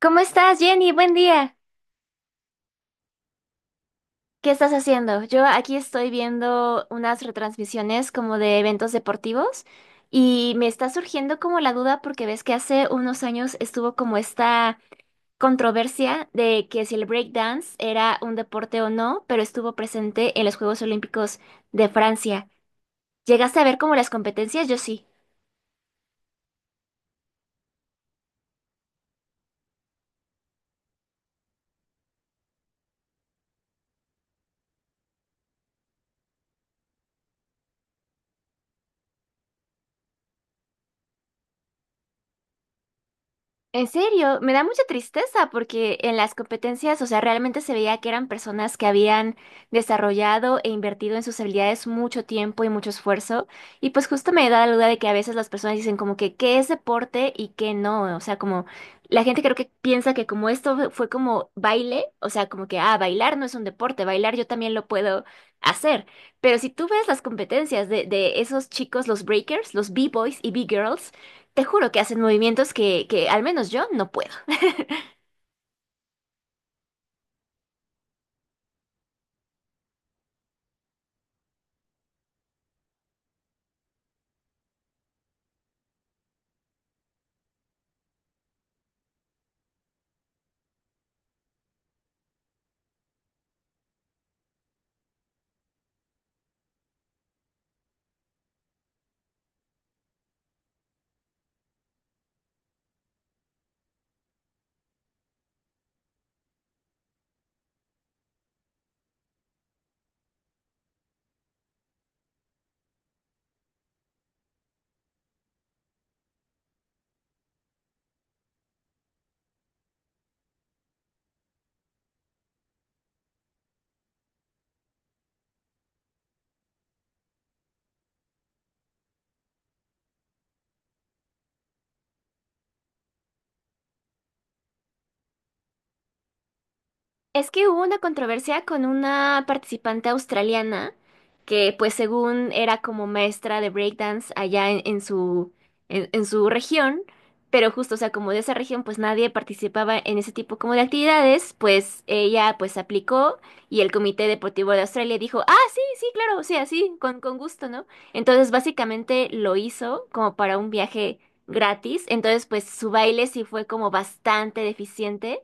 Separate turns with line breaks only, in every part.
¿Cómo estás, Jenny? Buen día. ¿Qué estás haciendo? Yo aquí estoy viendo unas retransmisiones como de eventos deportivos y me está surgiendo como la duda porque ves que hace unos años estuvo como esta controversia de que si el breakdance era un deporte o no, pero estuvo presente en los Juegos Olímpicos de Francia. ¿Llegaste a ver como las competencias? Yo sí. En serio, me da mucha tristeza porque en las competencias, o sea, realmente se veía que eran personas que habían desarrollado e invertido en sus habilidades mucho tiempo y mucho esfuerzo. Y pues justo me da la duda de que a veces las personas dicen como que qué es deporte y qué no. O sea, como la gente creo que piensa que como esto fue como baile, o sea, como que, ah, bailar no es un deporte, bailar yo también lo puedo hacer. Pero si tú ves las competencias de esos chicos, los breakers, los B-boys y B-girls, te juro que hacen movimientos que al menos yo no puedo. Es que hubo una controversia con una participante australiana que pues según era como maestra de breakdance allá en su, en su región, pero justo, o sea, como de esa región pues nadie participaba en ese tipo como de actividades, pues ella pues aplicó y el Comité Deportivo de Australia dijo, ah, sí, sí, claro, o sea, sí, con gusto, ¿no? Entonces básicamente lo hizo como para un viaje gratis, entonces pues su baile sí fue como bastante deficiente.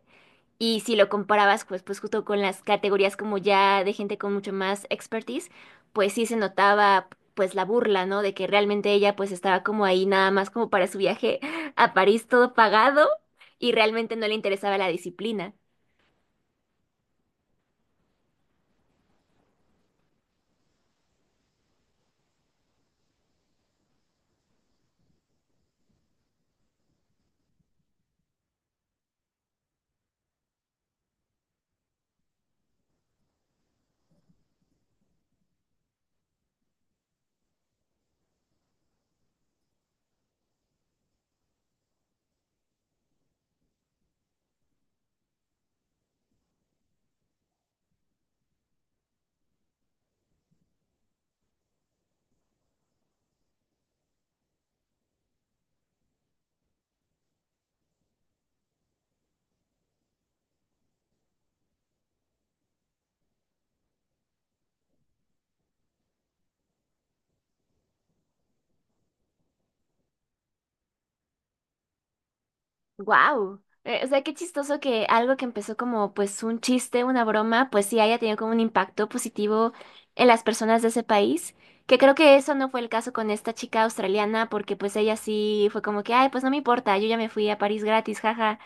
Y si lo comparabas, pues, pues justo con las categorías como ya de gente con mucho más expertise, pues sí se notaba pues la burla, ¿no? De que realmente ella pues estaba como ahí nada más como para su viaje a París todo pagado y realmente no le interesaba la disciplina. Wow. O sea, qué chistoso que algo que empezó como pues un chiste, una broma, pues sí haya tenido como un impacto positivo en las personas de ese país, que creo que eso no fue el caso con esta chica australiana, porque pues ella sí fue como que, ay, pues no me importa, yo ya me fui a París gratis, jaja.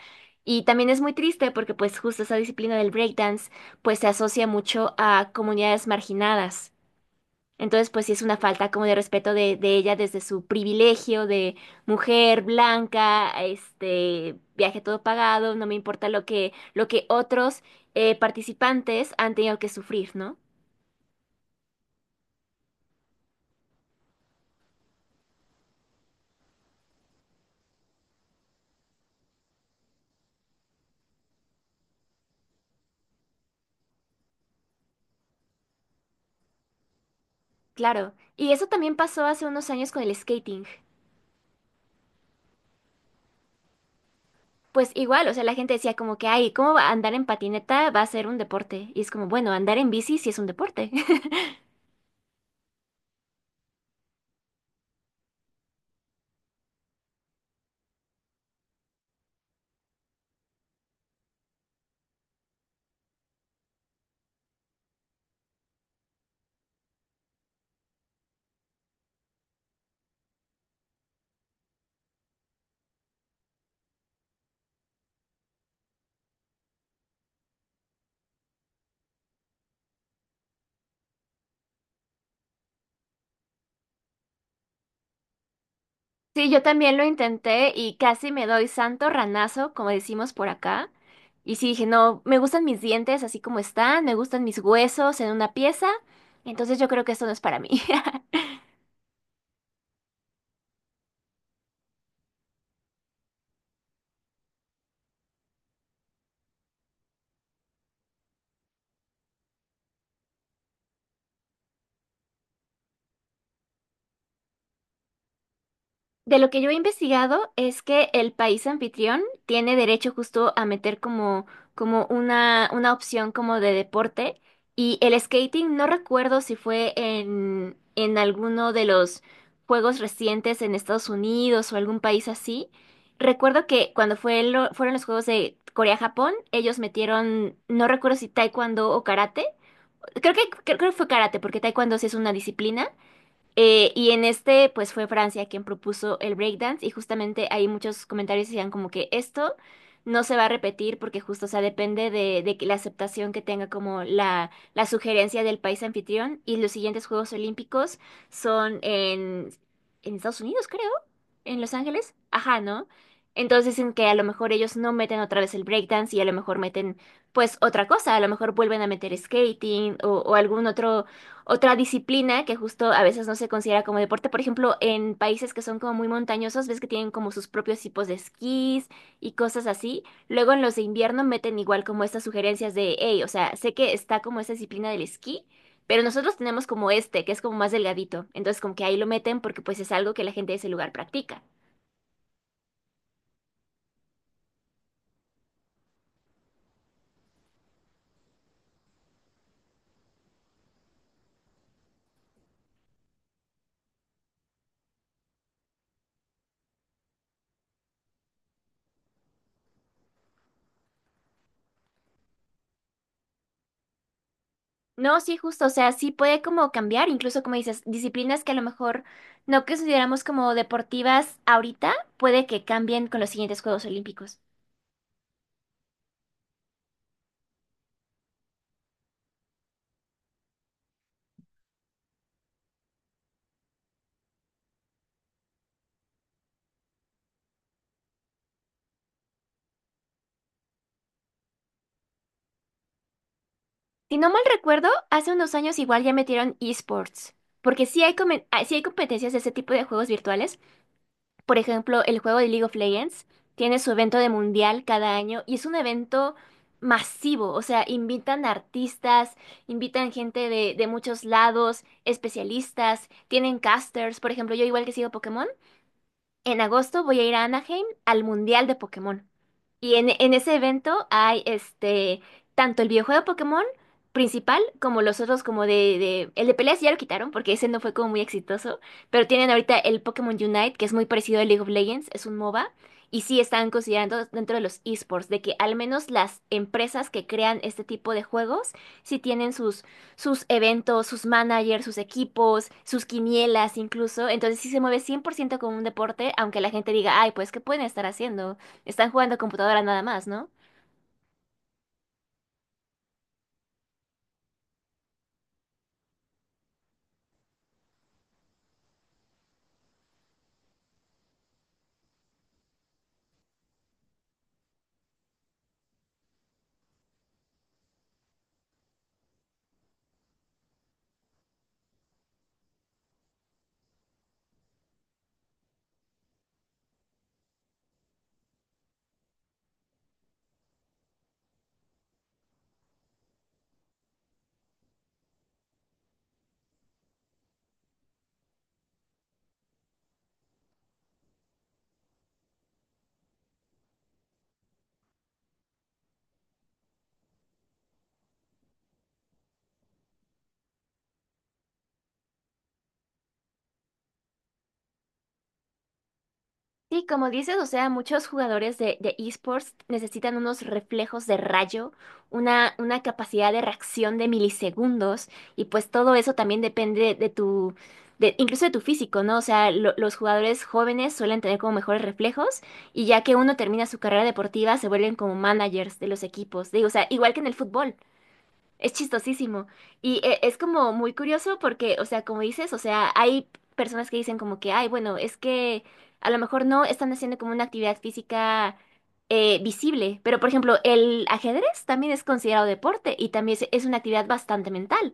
Y también es muy triste porque pues justo esa disciplina del breakdance pues se asocia mucho a comunidades marginadas. Entonces, pues sí es una falta como de respeto de ella desde su privilegio de mujer blanca, este, viaje todo pagado, no me importa lo que otros participantes han tenido que sufrir, ¿no? Claro. Y eso también pasó hace unos años con el skating. Pues igual, o sea, la gente decía como que, ay, ¿cómo va a andar en patineta va a ser un deporte? Y es como, bueno, andar en bici sí es un deporte. Sí, yo también lo intenté y casi me doy santo ranazo, como decimos por acá. Y sí dije, no, me gustan mis dientes así como están, me gustan mis huesos en una pieza, entonces yo creo que esto no es para mí. De lo que yo he investigado es que el país anfitrión tiene derecho justo a meter como, como una opción como de deporte y el skating no recuerdo si fue en alguno de los juegos recientes en Estados Unidos o algún país así. Recuerdo que cuando fue fueron los juegos de Corea-Japón, ellos metieron, no recuerdo si taekwondo o karate. Creo que fue karate porque taekwondo sí es una disciplina y en este, pues fue Francia quien propuso el breakdance y justamente ahí muchos comentarios decían como que esto no se va a repetir porque justo, o sea, depende de que la aceptación que tenga como la sugerencia del país anfitrión y los siguientes Juegos Olímpicos son en Estados Unidos, creo, en Los Ángeles, ajá, ¿no? Entonces dicen que a lo mejor ellos no meten otra vez el breakdance y a lo mejor meten pues otra cosa, a lo mejor vuelven a meter skating o algún otro otra disciplina que justo a veces no se considera como deporte. Por ejemplo, en países que son como muy montañosos, ves que tienen como sus propios tipos de esquís y cosas así. Luego en los de invierno meten igual como estas sugerencias de, hey, o sea, sé que está como esta disciplina del esquí, pero nosotros tenemos como este, que es como más delgadito. Entonces como que ahí lo meten porque pues es algo que la gente de ese lugar practica. No, sí, justo, o sea, sí puede como cambiar, incluso como dices, disciplinas que a lo mejor no consideramos como deportivas ahorita, puede que cambien con los siguientes Juegos Olímpicos. Si no mal recuerdo, hace unos años igual ya metieron esports, porque sí hay, ah, sí hay competencias de ese tipo de juegos virtuales. Por ejemplo, el juego de League of Legends tiene su evento de mundial cada año y es un evento masivo, o sea, invitan artistas, invitan gente de muchos lados, especialistas, tienen casters, por ejemplo, yo igual que sigo Pokémon. En agosto voy a ir a Anaheim al Mundial de Pokémon. Y en ese evento hay este tanto el videojuego de Pokémon principal como los otros como de, el de peleas ya lo quitaron porque ese no fue como muy exitoso. Pero tienen ahorita el Pokémon Unite, que es muy parecido al League of Legends, es un MOBA. Y sí están considerando dentro de los esports de que al menos las empresas que crean este tipo de juegos sí tienen sus eventos, sus managers, sus equipos, sus quinielas incluso. Entonces sí se mueve 100% como un deporte, aunque la gente diga, ay, pues, ¿qué pueden estar haciendo? Están jugando computadora nada más, ¿no? Sí, como dices, o sea, muchos jugadores de esports necesitan unos reflejos de rayo, una capacidad de reacción de milisegundos, y pues todo eso también depende de tu, de, incluso de tu físico, ¿no? O sea, los jugadores jóvenes suelen tener como mejores reflejos, y ya que uno termina su carrera deportiva, se vuelven como managers de los equipos. Digo, o sea, igual que en el fútbol. Es chistosísimo. Y es como muy curioso porque, o sea, como dices, o sea, hay personas que dicen como que, ay, bueno, es que a lo mejor no están haciendo como una actividad física visible. Pero, por ejemplo, el ajedrez también es considerado deporte y también es una actividad bastante mental.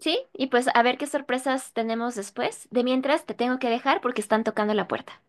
Sí, y pues a ver qué sorpresas tenemos después. De mientras, te tengo que dejar porque están tocando la puerta.